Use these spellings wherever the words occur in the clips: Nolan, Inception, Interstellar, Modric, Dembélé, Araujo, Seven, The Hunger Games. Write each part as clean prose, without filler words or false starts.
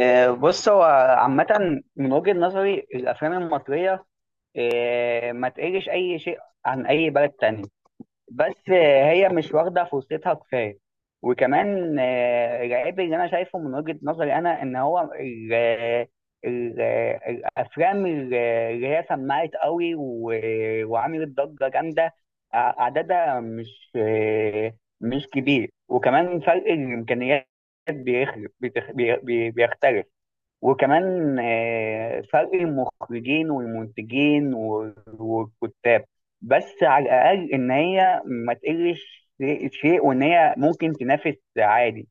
بص هو عامة من وجهة نظري الأفلام المصرية ما تقلش أي شيء عن أي بلد تاني. بس هي مش واخدة فرصتها كفاية. وكمان العيب اللي أنا شايفه من وجهة نظري أنا إن هو ال ال الأفلام اللي هي سمعت قوي وعملت ضجة جامدة. عددها مش مش كبير، وكمان فرق الإمكانيات بيخلق بيتخ- بي- بي- بيختلف. وكمان فرق المخرجين والمنتجين والكتاب. بس على الأقل إن هي ما تقلش شيء، وإن هي ممكن تنافس عادي.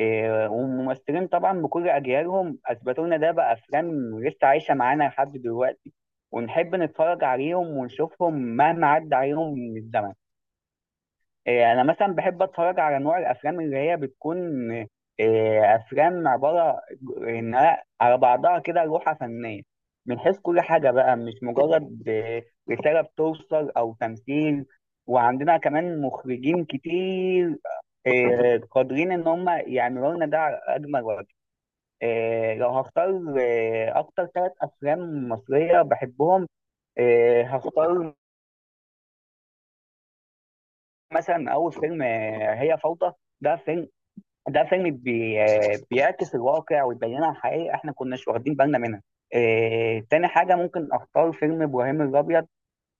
والممثلين طبعا بكل أجيالهم أثبتوا لنا ده بأفلام لسه عايشة معانا لحد دلوقتي، ونحب نتفرج عليهم ونشوفهم مهما عدى عليهم من الزمن. انا مثلا بحب اتفرج على نوع الافلام اللي هي بتكون افلام عباره انها على بعضها كده لوحه فنيه من حيث كل حاجه، بقى مش مجرد رساله بتوصل او تمثيل. وعندنا كمان مخرجين كتير قادرين ان هم يعملوا لنا ده على اجمل وجه. لو هختار اكتر ثلاث افلام مصريه بحبهم، هختار مثلا اول فيلم هي فوضى. ده فيلم، ده فيلم بي... بيعكس الواقع ويبينها الحقيقة احنا كناش واخدين بالنا منها. اه... تاني حاجة ممكن اختار فيلم ابراهيم الابيض.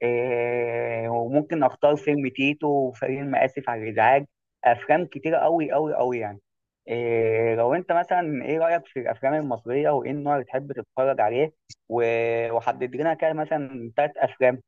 اه... وممكن اختار فيلم تيتو وفيلم اسف على الازعاج. افلام كتيرة قوي قوي قوي يعني. إيه لو انت مثلا ايه رأيك في الافلام المصرية، وايه النوع اللي تحب تتفرج عليه؟ وحدد لنا كده مثلا تلات افلام.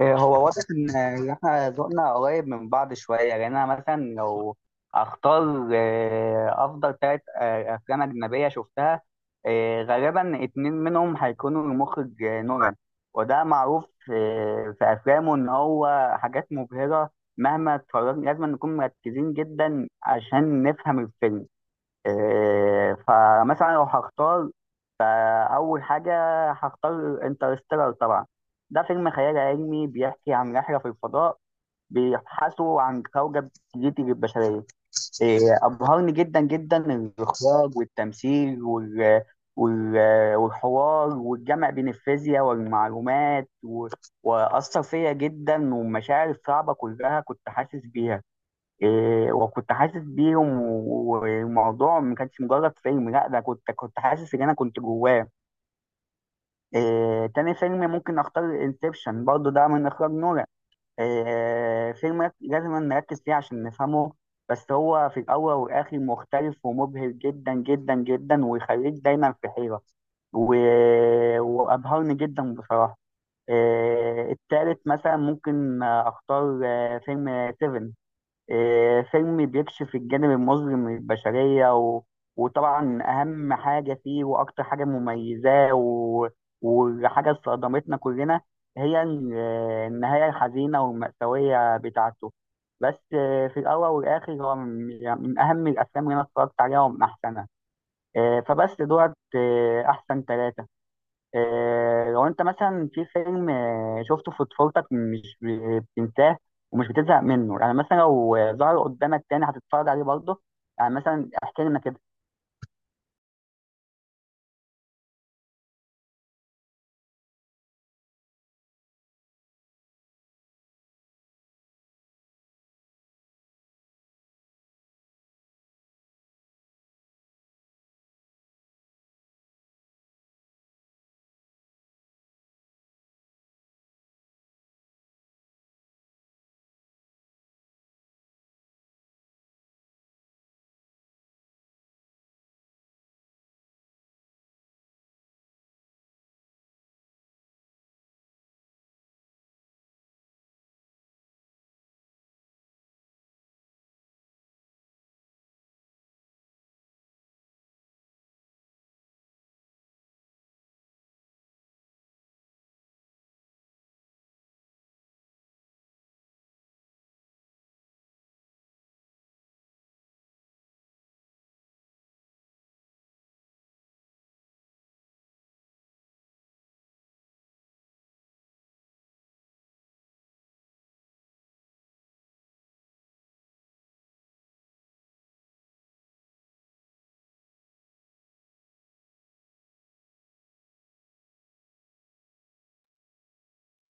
هو واضح ان إن احنا ذوقنا قريب من بعض شويه. يعني انا مثلا لو اختار افضل ثلاث افلام اجنبيه شفتها، غالبا اتنين منهم هيكونوا المخرج نولان. وده معروف في افلامه ان هو حاجات مبهره، مهما اتفرجنا لازم نكون مركزين جدا عشان نفهم الفيلم. فمثلا لو هختار، فأول حاجة هختار انترستيلر طبعا. ده فيلم خيال علمي بيحكي عن رحلة في الفضاء، بيبحثوا عن كوكب جديد للبشرية. أبهرني جدا جدا الإخراج والتمثيل وال... والحوار، والجمع بين الفيزياء والمعلومات وأثر فيا جدا، والمشاعر الصعبة كلها كنت حاسس بيها. وكنت حاسس بيهم، والموضوع ما كانش مجرد فيلم، لا ده كنت حاسس ان انا كنت جواه. تاني فيلم ممكن اختار انسبشن، برضه ده من اخراج نولان. فيلم لازم نركز فيه عشان نفهمه، بس هو في الاول والاخر مختلف ومبهر جدا جدا جدا، ويخليك دايما في حيرة و... وابهرني جدا بصراحة. التالت مثلا ممكن اختار فيلم سيفن. فيلم بيكشف الجانب المظلم من البشرية وطبعا أهم حاجة فيه وأكتر حاجة مميزاه وحاجة صدمتنا كلنا، هي النهاية الحزينة والمأساوية بتاعته. بس في الأول والآخر هو من يعني من أهم الأفلام اللي أنا اتفرجت عليها ومن أحسنها. فبس دوت أحسن ثلاثة. لو انت مثلا في فيلم شفته في طفولتك مش بتنساه، ومش بتزهق منه، يعني مثلا لو ظهر قدامك تاني هتتفرج عليه برضه، يعني مثلا احكي لنا كده.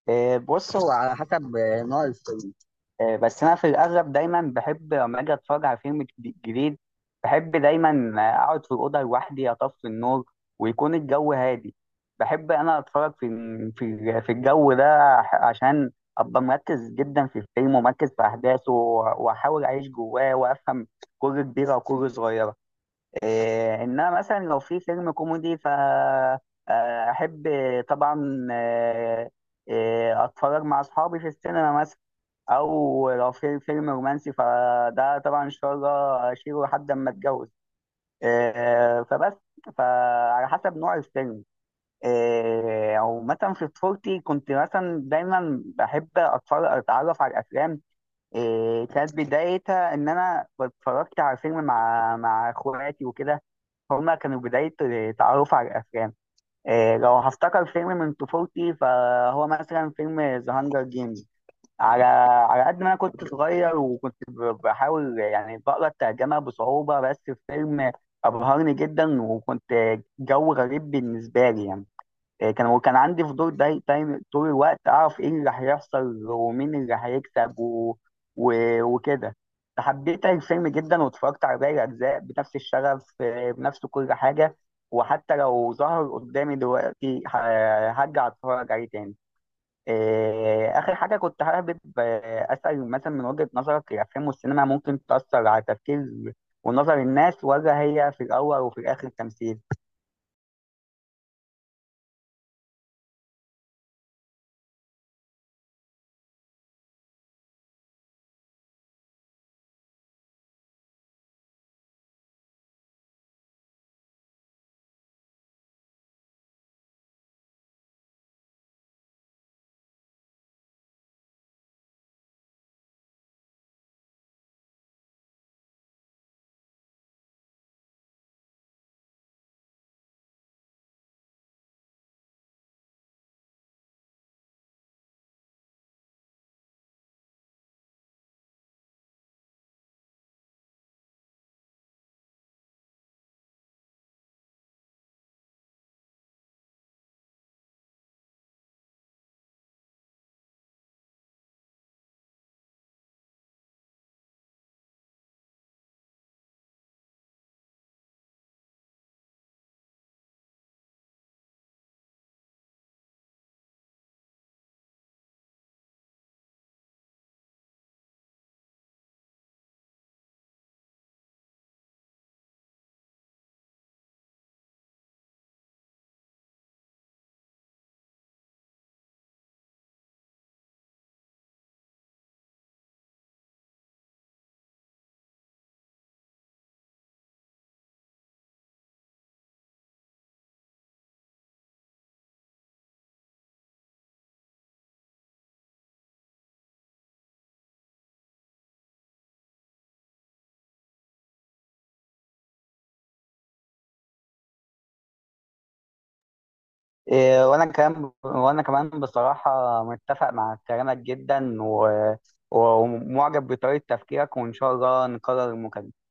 بص هو على حسب نوع الفيلم. بس انا في الاغلب دايما بحب لما اجي اتفرج على فيلم جديد، بحب دايما اقعد في الاوضه لوحدي، اطفي النور، ويكون الجو هادي. بحب انا اتفرج في في الجو ده عشان ابقى مركز جدا في الفيلم، ومركز في احداثه، واحاول اعيش جواه وافهم كل كبيره وكل صغيره. إيه انما مثلا لو في فيلم كوميدي ف احب طبعا اتفرج مع اصحابي في السينما مثلا. او لو في فيلم رومانسي فده طبعا ان شاء الله اشيله لحد اما اتجوز. فبس فعلى حسب نوع الفيلم. او مثلا في طفولتي كنت مثلا دايما بحب اتفرج اتعرف على الافلام. كانت بدايتها ان انا اتفرجت على فيلم مع اخواتي وكده، هما كانوا بداية تعرف على الافلام. لو هفتكر فيلم من طفولتي، فهو مثلا فيلم ذا هانجر جيمز. على على قد ما انا كنت صغير، وكنت بحاول يعني بقرا الترجمه بصعوبه، بس الفيلم ابهرني جدا، وكنت جو غريب بالنسبه لي يعني. وكان عندي فضول دايما طول الوقت اعرف ايه اللي هيحصل ومين اللي هيكسب و... وكده. حبيت الفيلم جدا، واتفرجت على باقي الاجزاء بنفس الشغف، بنفس كل حاجه. وحتى لو ظهر قدامي دلوقتي هرجع اتفرج عليه تاني. آخر حاجة كنت حابب أسأل مثلا، من وجهة نظرك الأفلام والسينما ممكن تأثر على تفكير ونظر الناس، ولا هي في الأول وفي الآخر تمثيل؟ وأنا كمان، وأنا كمان بصراحة متفق مع كلامك جدا ومعجب بطريقة تفكيرك، وإن شاء الله نكرر المكالمة.